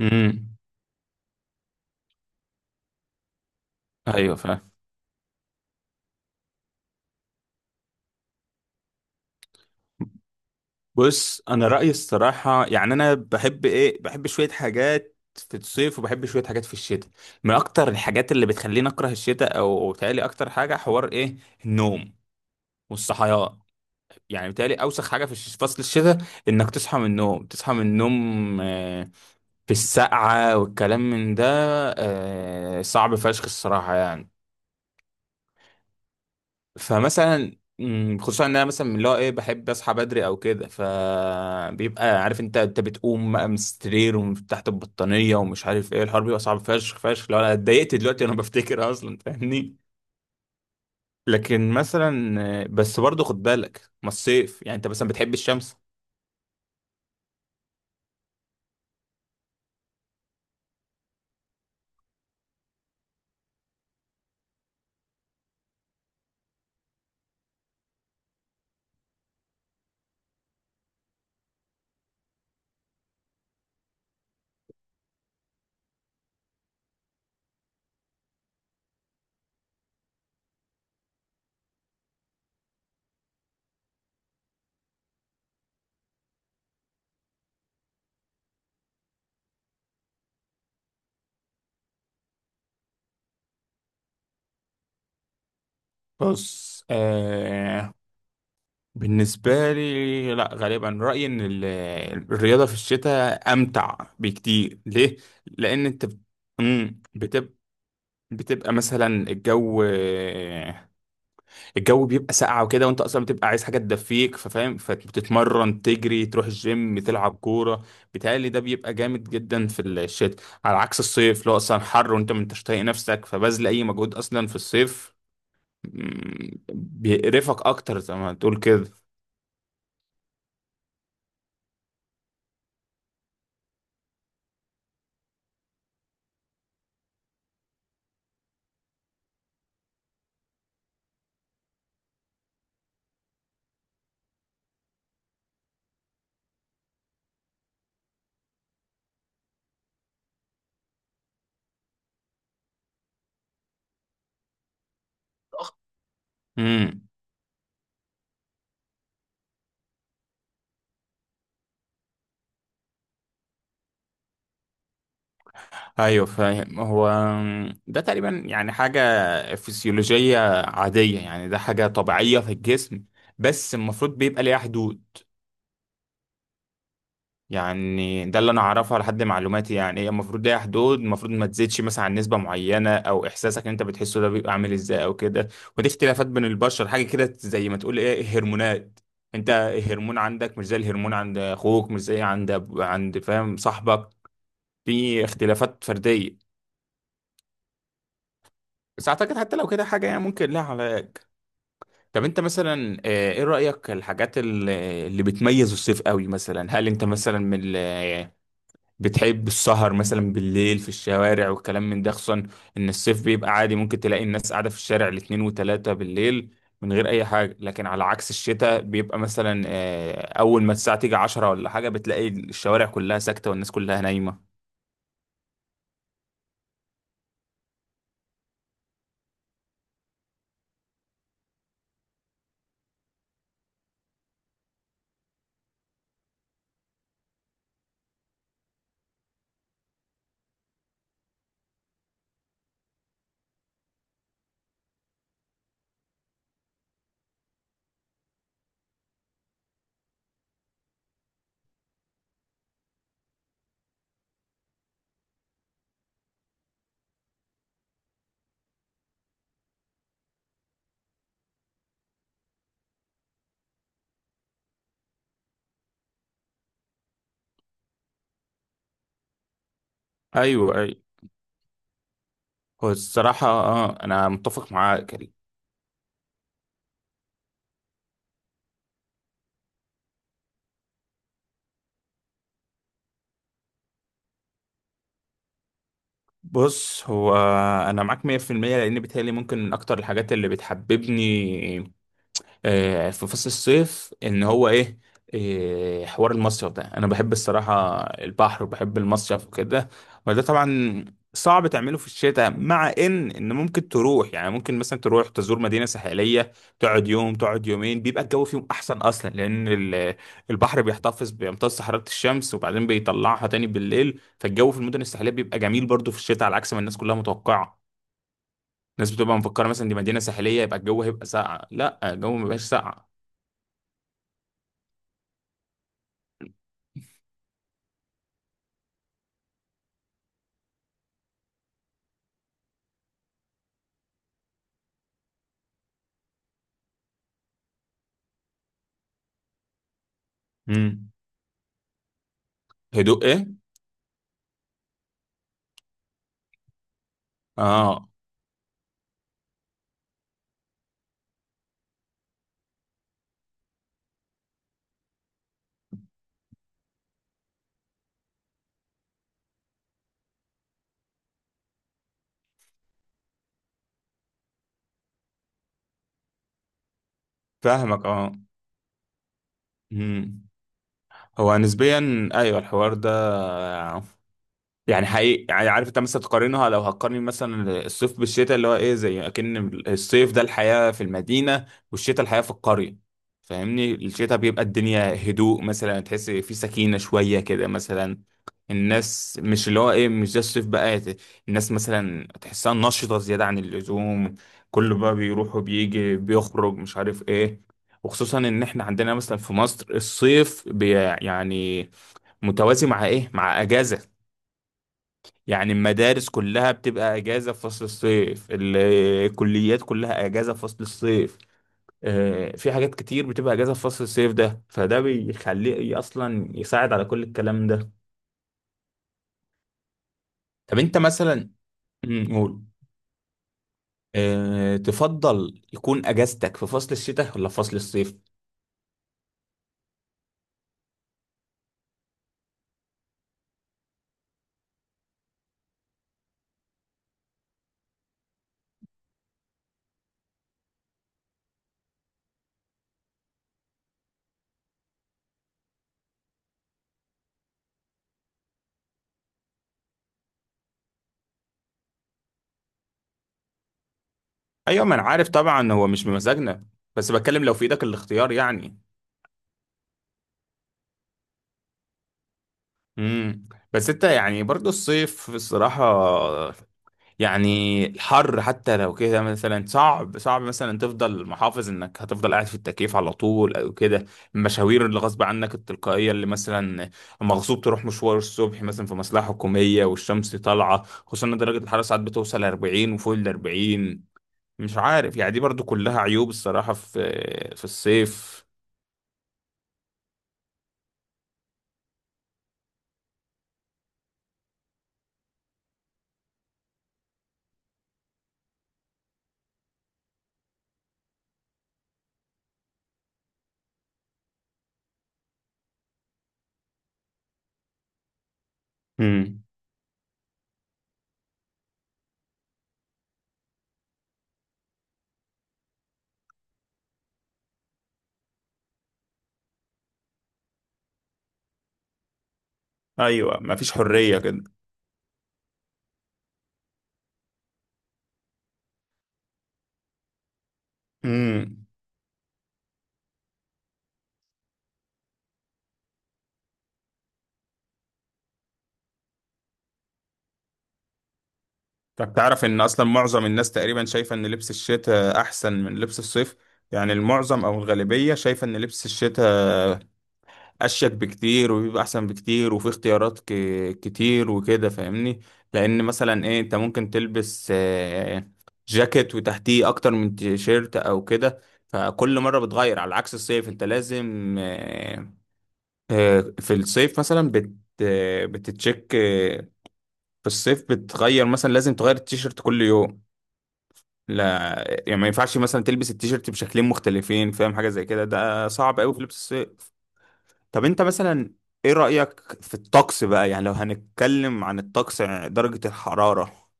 امم ايوه فاهم. بص انا رايي الصراحه، يعني انا بحب ايه، بحب شويه حاجات في الصيف وبحب شويه حاجات في الشتاء. من اكتر الحاجات اللي بتخليني اكره الشتاء او بتهيألي اكتر حاجه حوار ايه، النوم والصحيان. يعني بتهيألي اوسخ حاجه في فصل الشتاء انك تصحى من النوم، في السقعه والكلام من ده. صعب فشخ الصراحه يعني. فمثلا خصوصا ان انا مثلا من اللي هو ايه بحب اصحى بدري او كده، فبيبقى عارف، انت بتقوم بقى من السرير ومن تحت البطانيه ومش عارف ايه الحوار، بيبقى صعب فشخ فشخ لو انا اتضايقت دلوقتي وانا بفتكر اصلا، فاهمني. لكن مثلا بس برضه خد بالك، ما الصيف يعني انت مثلا بتحب الشمس. بص آه، بالنسبه لي لا، غالبا رايي ان الرياضه في الشتاء امتع بكتير. ليه؟ لان انت مم، بتبقى بتبقى مثلا الجو بيبقى ساقعة وكده، وانت اصلا بتبقى عايز حاجة تدفيك، ففاهم، فبتتمرن، تجري، تروح الجيم، تلعب كورة. بيتهيألي ده بيبقى جامد جدا في الشتاء، على عكس الصيف اللي هو اصلا حر وانت ما انتش طايق نفسك فبذل اي مجهود اصلا في الصيف. بيقرفك اكتر زي ما تقول كده. امم، ايوه فاهم. هو ده تقريبا يعني حاجة فسيولوجية عادية، يعني ده حاجة طبيعية في الجسم، بس المفروض بيبقى ليها حدود. يعني ده اللي انا اعرفه لحد معلوماتي، يعني هي المفروض ليها حدود، المفروض ما تزيدش مثلا عن نسبه معينه، او احساسك ان انت بتحسه ده بيبقى عامل ازاي او كده. ودي اختلافات بين البشر، حاجه كده زي ما تقول ايه، هرمونات. انت الهرمون عندك مش زي الهرمون عند اخوك، مش زي عند عند فاهم صاحبك. في اختلافات فرديه. بس اعتقد حتى لو كده حاجه يعني ممكن لها علاج. طب انت مثلا ايه رايك الحاجات اللي بتميز الصيف قوي؟ مثلا هل انت مثلا من بتحب السهر مثلا بالليل في الشوارع والكلام من ده؟ خصوصا ان الصيف بيبقى عادي ممكن تلاقي الناس قاعدة في الشارع الاتنين وتلاتة بالليل من غير اي حاجة، لكن على عكس الشتاء بيبقى مثلا اول ما الساعة تيجي عشرة ولا حاجة بتلاقي الشوارع كلها ساكتة والناس كلها نايمة. ايوه ايوه. هو الصراحة اه، انا متفق معاك. بص هو انا معاك 100%، لان بيتهيألي ممكن من اكتر الحاجات اللي بتحببني في فصل الصيف ان هو ايه، حوار المصيف ده. انا بحب الصراحة البحر وبحب المصيف وكده، وده طبعا صعب تعمله في الشتاء. مع ان ممكن تروح، يعني ممكن مثلا تروح تزور مدينة ساحلية، تقعد يوم، تقعد يومين، بيبقى الجو فيهم احسن اصلا، لان البحر بيحتفظ، بيمتص حرارة الشمس وبعدين بيطلعها تاني بالليل، فالجو في المدن الساحلية بيبقى جميل برضو في الشتاء على عكس ما الناس كلها متوقعة. الناس بتبقى مفكرة مثلا دي مدينة ساحلية يبقى الجو هيبقى ساقع، لا الجو مبيبقاش ساقع. امم، هدوء ايه؟ اه، فاهمك اه. امم، هو نسبيا ايوه الحوار ده. يعني حقيقي، يعني عارف انت مثلا تقارنها، لو هتقارن مثلا الصيف بالشتاء، اللي هو ايه، زي اكن الصيف ده الحياة في المدينة والشتاء الحياة في القرية. فاهمني، الشتاء بيبقى الدنيا هدوء، مثلا تحس في سكينة شوية كده مثلا. الناس مش اللي هو ايه، مش ده الصيف بقى الناس مثلا تحسها نشطة زيادة عن اللزوم، كله بقى بيروح وبيجي بيخرج مش عارف ايه. وخصوصا ان احنا عندنا مثلا في مصر الصيف بي يعني متوازي مع ايه، مع اجازة. يعني المدارس كلها بتبقى اجازه في فصل الصيف، الكليات كلها اجازه في فصل الصيف، في حاجات كتير بتبقى اجازه في فصل الصيف ده، فده بيخليه اصلا يساعد على كل الكلام ده. طب انت مثلا قول تفضل يكون اجازتك في فصل الشتاء ولا في فصل الصيف؟ ايوه ما انا عارف طبعا هو مش بمزاجنا، بس بتكلم لو في ايدك الاختيار يعني. امم، بس انت يعني برضو الصيف الصراحه، يعني الحر حتى لو كده مثلا صعب مثلا تفضل محافظ انك هتفضل قاعد في التكييف على طول او كده. المشاوير اللي غصب عنك التلقائيه اللي مثلا مغصوب تروح مشوار الصبح مثلا في مصلحه حكوميه والشمس طالعه، خصوصا ان درجه الحراره ساعات بتوصل 40 وفوق ال 40، مش عارف يعني دي برضو كلها عيوب الصراحه في في الصيف. امم، ايوه مفيش حريه كده. امم، طب تعرف ان اصلا معظم الناس تقريبا شايفه ان لبس الشتاء احسن من لبس الصيف؟ يعني المعظم او الغالبيه شايفه ان لبس الشتاء اشيك بكتير وبيبقى احسن بكتير وفي اختيارات كتير وكده فاهمني. لان مثلا ايه، انت ممكن تلبس جاكيت وتحتيه اكتر من تيشيرت او كده، فكل مره بتغير، على عكس الصيف انت لازم في الصيف مثلا بت... آه، بتتشيك. في الصيف بتغير مثلا، لازم تغير التيشيرت كل يوم، لا يعني ما ينفعش مثلا تلبس التيشيرت بشكلين مختلفين فاهم، حاجه زي كده ده صعب قوي في لبس الصيف. طب انت مثلا ايه رايك في الطقس بقى؟ يعني لو هنتكلم عن الطقس يعني درجه الحراره،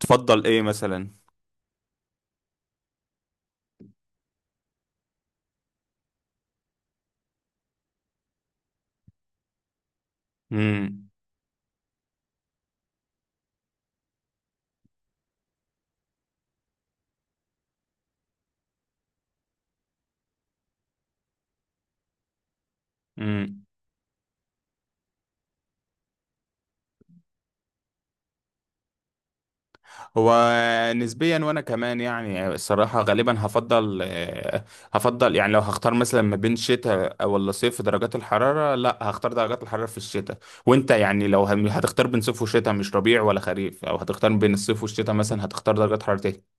تفضل ايه مثلا؟ امم، هو نسبيا وانا كمان يعني الصراحه غالبا هفضل هفضل يعني لو هختار مثلا ما بين شتاء ولا صيف في درجات الحراره، لا هختار درجات الحراره في الشتاء. وانت يعني لو هتختار بين صيف وشتاء، مش ربيع ولا خريف، او هتختار بين الصيف والشتاء مثلا، هتختار درجات حراره